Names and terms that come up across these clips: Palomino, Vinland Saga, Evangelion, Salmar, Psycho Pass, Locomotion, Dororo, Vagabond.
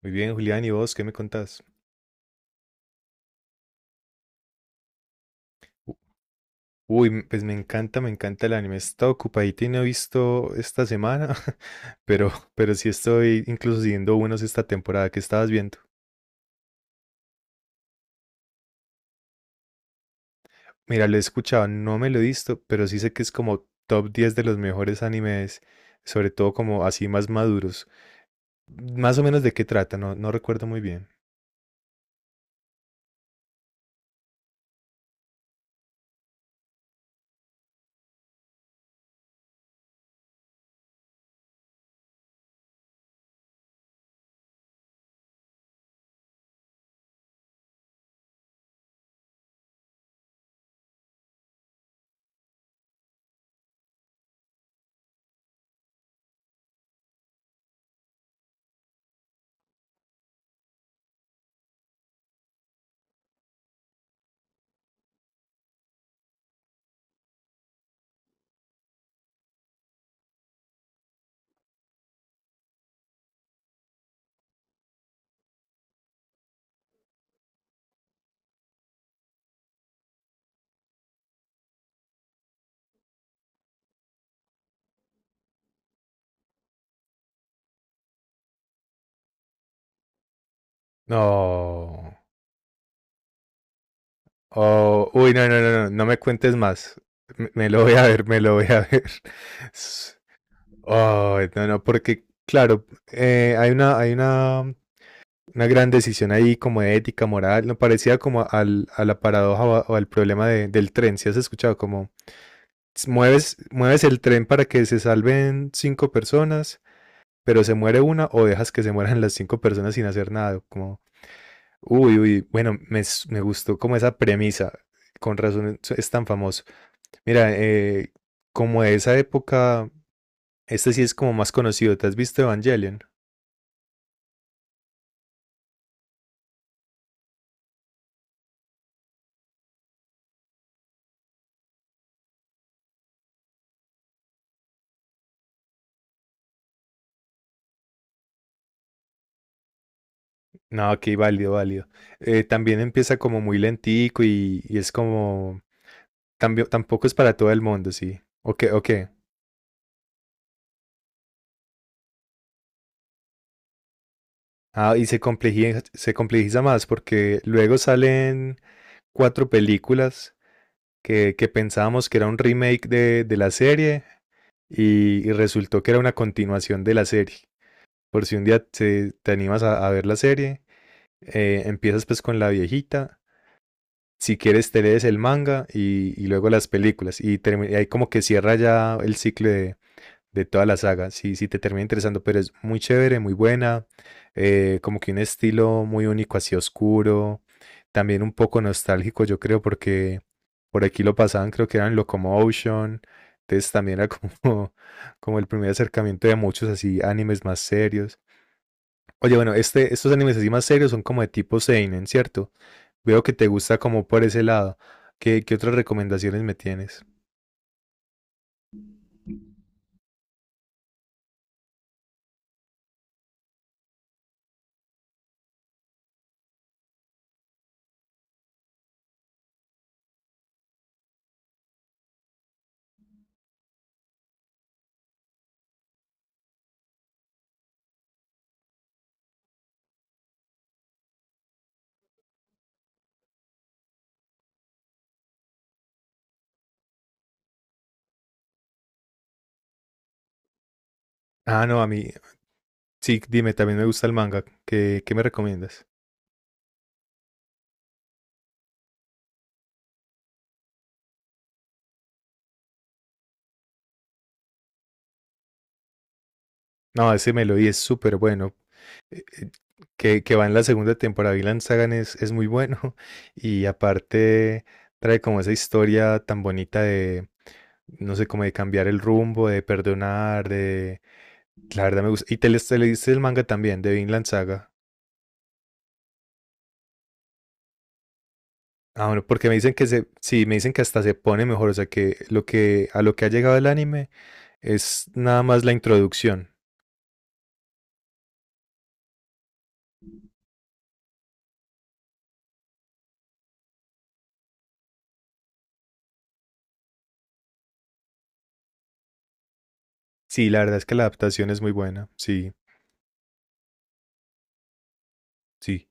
Muy bien, Julián, ¿y vos qué me contás? U- pues me encanta el anime. He estado ocupadito y no he visto esta semana, pero sí estoy incluso siguiendo unos esta temporada que estabas viendo. Mira, lo he escuchado, no me lo he visto, pero sí sé que es como top 10 de los mejores animes, sobre todo como así más maduros. Más o menos de qué trata, no recuerdo muy bien. No. Oh, uy, no, no, no, no, no me cuentes más. Me lo voy a ver, me lo voy a ver. Ay, no, no, porque, claro, hay una gran decisión ahí como de ética, moral, no parecía como a la paradoja o, o al problema del tren, ¿si has escuchado? Como mueves, mueves el tren para que se salven cinco personas, pero se muere una o dejas que se mueran las cinco personas sin hacer nada, como, uy, uy, bueno, me gustó como esa premisa, con razón es tan famoso. Mira, como de esa época, este sí es como más conocido. ¿Te has visto Evangelion? No, ok, válido, válido. También empieza como muy lentico y es como... también tampoco es para todo el mundo, sí. Ok, ok. Ah, y se complejiza más porque luego salen cuatro películas que pensábamos que era un remake de la serie y resultó que era una continuación de la serie. Por si un día te animas a ver la serie, empiezas pues con la viejita. Si quieres te lees el manga y luego las películas. Y, y ahí como que cierra ya el ciclo de toda la saga. Si te termina interesando, pero es muy chévere, muy buena. Como que un estilo muy único, así oscuro. También un poco nostálgico, yo creo, porque por aquí lo pasaban, creo que eran Locomotion. Entonces también era como, como el primer acercamiento de muchos así animes más serios. Oye, bueno, estos animes así más serios son como de tipo seinen, ¿cierto? Veo que te gusta como por ese lado. ¿Qué, qué otras recomendaciones me tienes? Ah, no, a mí, sí, dime, también me gusta el manga. ¿Qué, qué me recomiendas? No, ese Melody es súper bueno. Eh, eh, que va en la segunda temporada, Vinland Saga es muy bueno. Y aparte trae como esa historia tan bonita de, no sé, como de cambiar el rumbo, de perdonar, de... La verdad me gusta. Y te leíste el manga también, de Vinland Saga. Ah, bueno, porque me dicen sí, me dicen que hasta se pone mejor, o sea que lo que a lo que ha llegado el anime es nada más la introducción. Sí, la verdad es que la adaptación es muy buena. Sí, sí.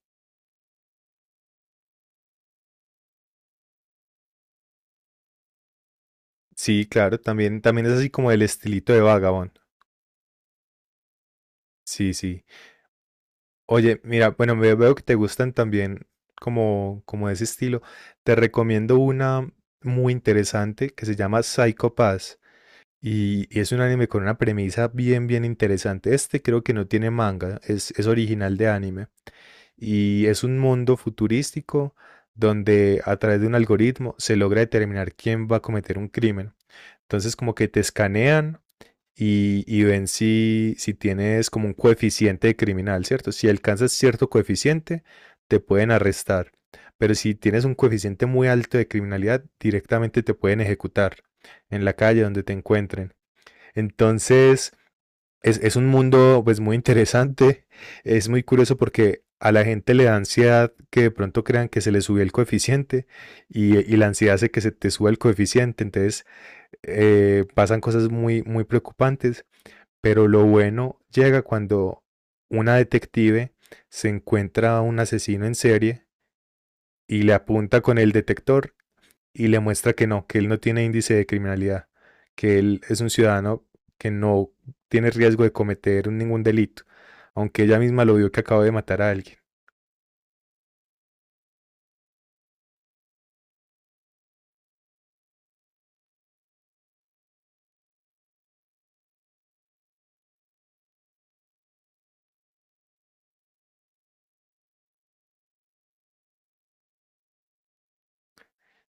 Sí, claro, también es así como el estilito de Vagabond. Sí, sí. Oye, mira, bueno, veo que te gustan también como de ese estilo. Te recomiendo una muy interesante que se llama Psycho Pass y es un anime con una premisa bien interesante. Este creo que no tiene manga, es original de anime. Y es un mundo futurístico donde a través de un algoritmo se logra determinar quién va a cometer un crimen. Entonces como que te escanean y ven si tienes como un coeficiente de criminal, ¿cierto? Si alcanzas cierto coeficiente, te pueden arrestar. Pero si tienes un coeficiente muy alto de criminalidad, directamente te pueden ejecutar en la calle donde te encuentren. Entonces, es un mundo pues muy interesante, es muy curioso porque a la gente le da ansiedad que de pronto crean que se le subió el coeficiente y la ansiedad hace que se te suba el coeficiente, entonces pasan cosas muy, muy preocupantes, pero lo bueno llega cuando una detective se encuentra a un asesino en serie y le apunta con el detector y le muestra que no, que él no tiene índice de criminalidad, que él es un ciudadano que no tiene riesgo de cometer ningún delito, aunque ella misma lo vio que acaba de matar a alguien.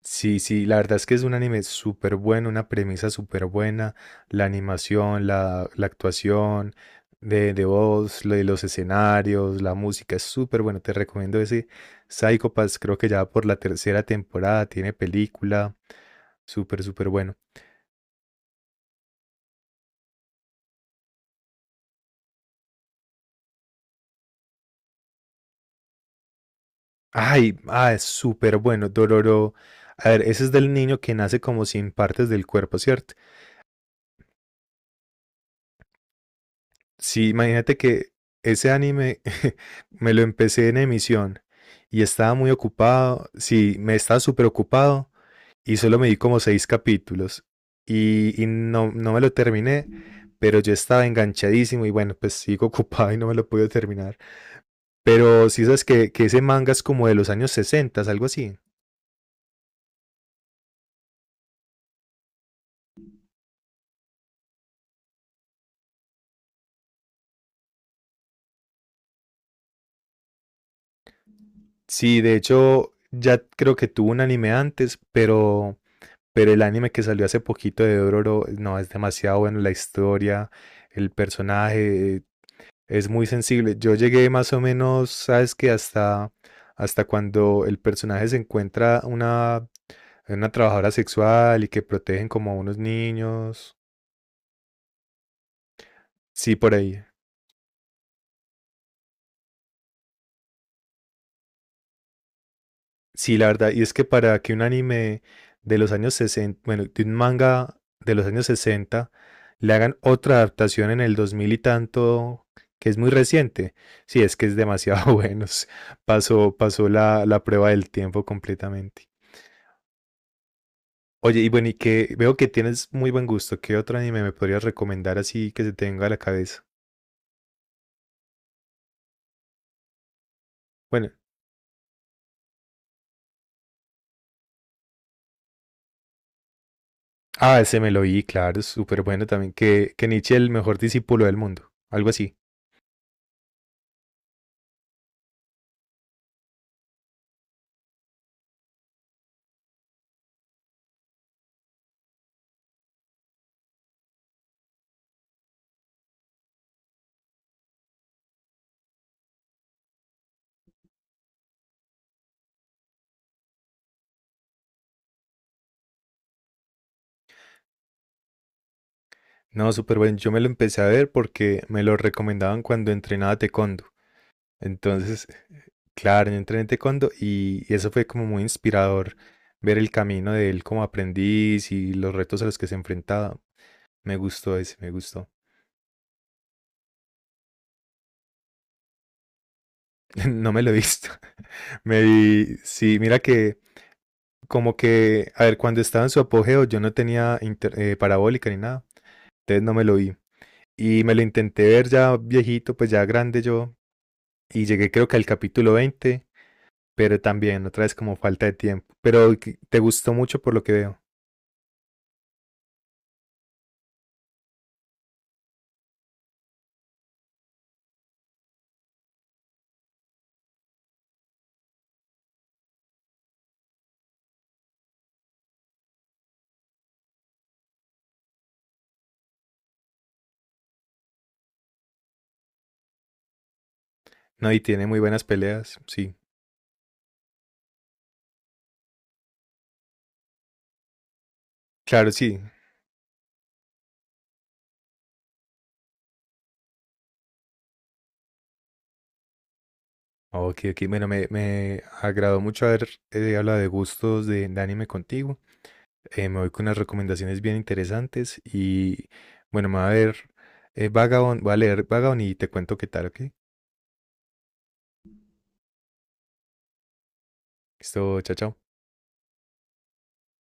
Sí, sí, la verdad es que es un anime súper bueno, una premisa súper buena, la animación, la actuación de voz, lo de los escenarios, la música es súper bueno, te recomiendo ese Psycho Pass, creo que ya por la tercera temporada tiene película, súper, súper bueno. Ay, ah, es súper bueno, Dororo. A ver, ese es del niño que nace como sin partes del cuerpo, ¿cierto? Sí, imagínate que ese anime me lo empecé en emisión y estaba muy ocupado, sí, me estaba súper ocupado y solo me di como seis capítulos no me lo terminé, pero yo estaba enganchadísimo y bueno, pues sigo ocupado y no me lo pude terminar. Pero sí sabes que ese manga es como de los años 60, algo así. Sí, de hecho, ya creo que tuvo un anime antes, pero el anime que salió hace poquito de Dororo, no, es demasiado bueno la historia, el personaje, es muy sensible. Yo llegué más o menos, sabes que hasta cuando el personaje se encuentra una trabajadora sexual y que protegen como a unos niños. Sí, por ahí. Sí, la verdad, y es que para que un anime de los años 60, bueno, de un manga de los años 60 le hagan otra adaptación en el 2000 y tanto, que es muy reciente, sí, es que es demasiado bueno, s- pasó, pasó la prueba del tiempo completamente. Oye, y bueno, y que veo que tienes muy buen gusto, ¿qué otro anime me podrías recomendar así que se tenga a la cabeza? Bueno, ah, ese me lo vi, claro, súper bueno también, que Nietzsche el mejor discípulo del mundo, algo así. No, súper bueno. Yo me lo empecé a ver porque me lo recomendaban cuando entrenaba taekwondo. Entonces, claro, yo entrené taekwondo y eso fue como muy inspirador ver el camino de él como aprendiz y los retos a los que se enfrentaba. Me gustó ese, me gustó. No me lo he visto. Me vi, sí, mira que como que, a ver, cuando estaba en su apogeo yo no tenía parabólica ni nada, entonces no me lo vi. Y me lo intenté ver ya viejito, pues ya grande yo, y llegué creo que al capítulo 20. Pero también otra vez como falta de tiempo. Pero que- te gustó mucho por lo que veo. No, y tiene muy buenas peleas, sí. Claro, sí. Ok, ok. Bueno, me agradó mucho haber hablado de gustos de anime contigo. Me voy con unas recomendaciones bien interesantes y bueno, me va a ver Vagabond, voy a leer Vagabond y te cuento qué tal, ¿ok? Listo, chao, chao.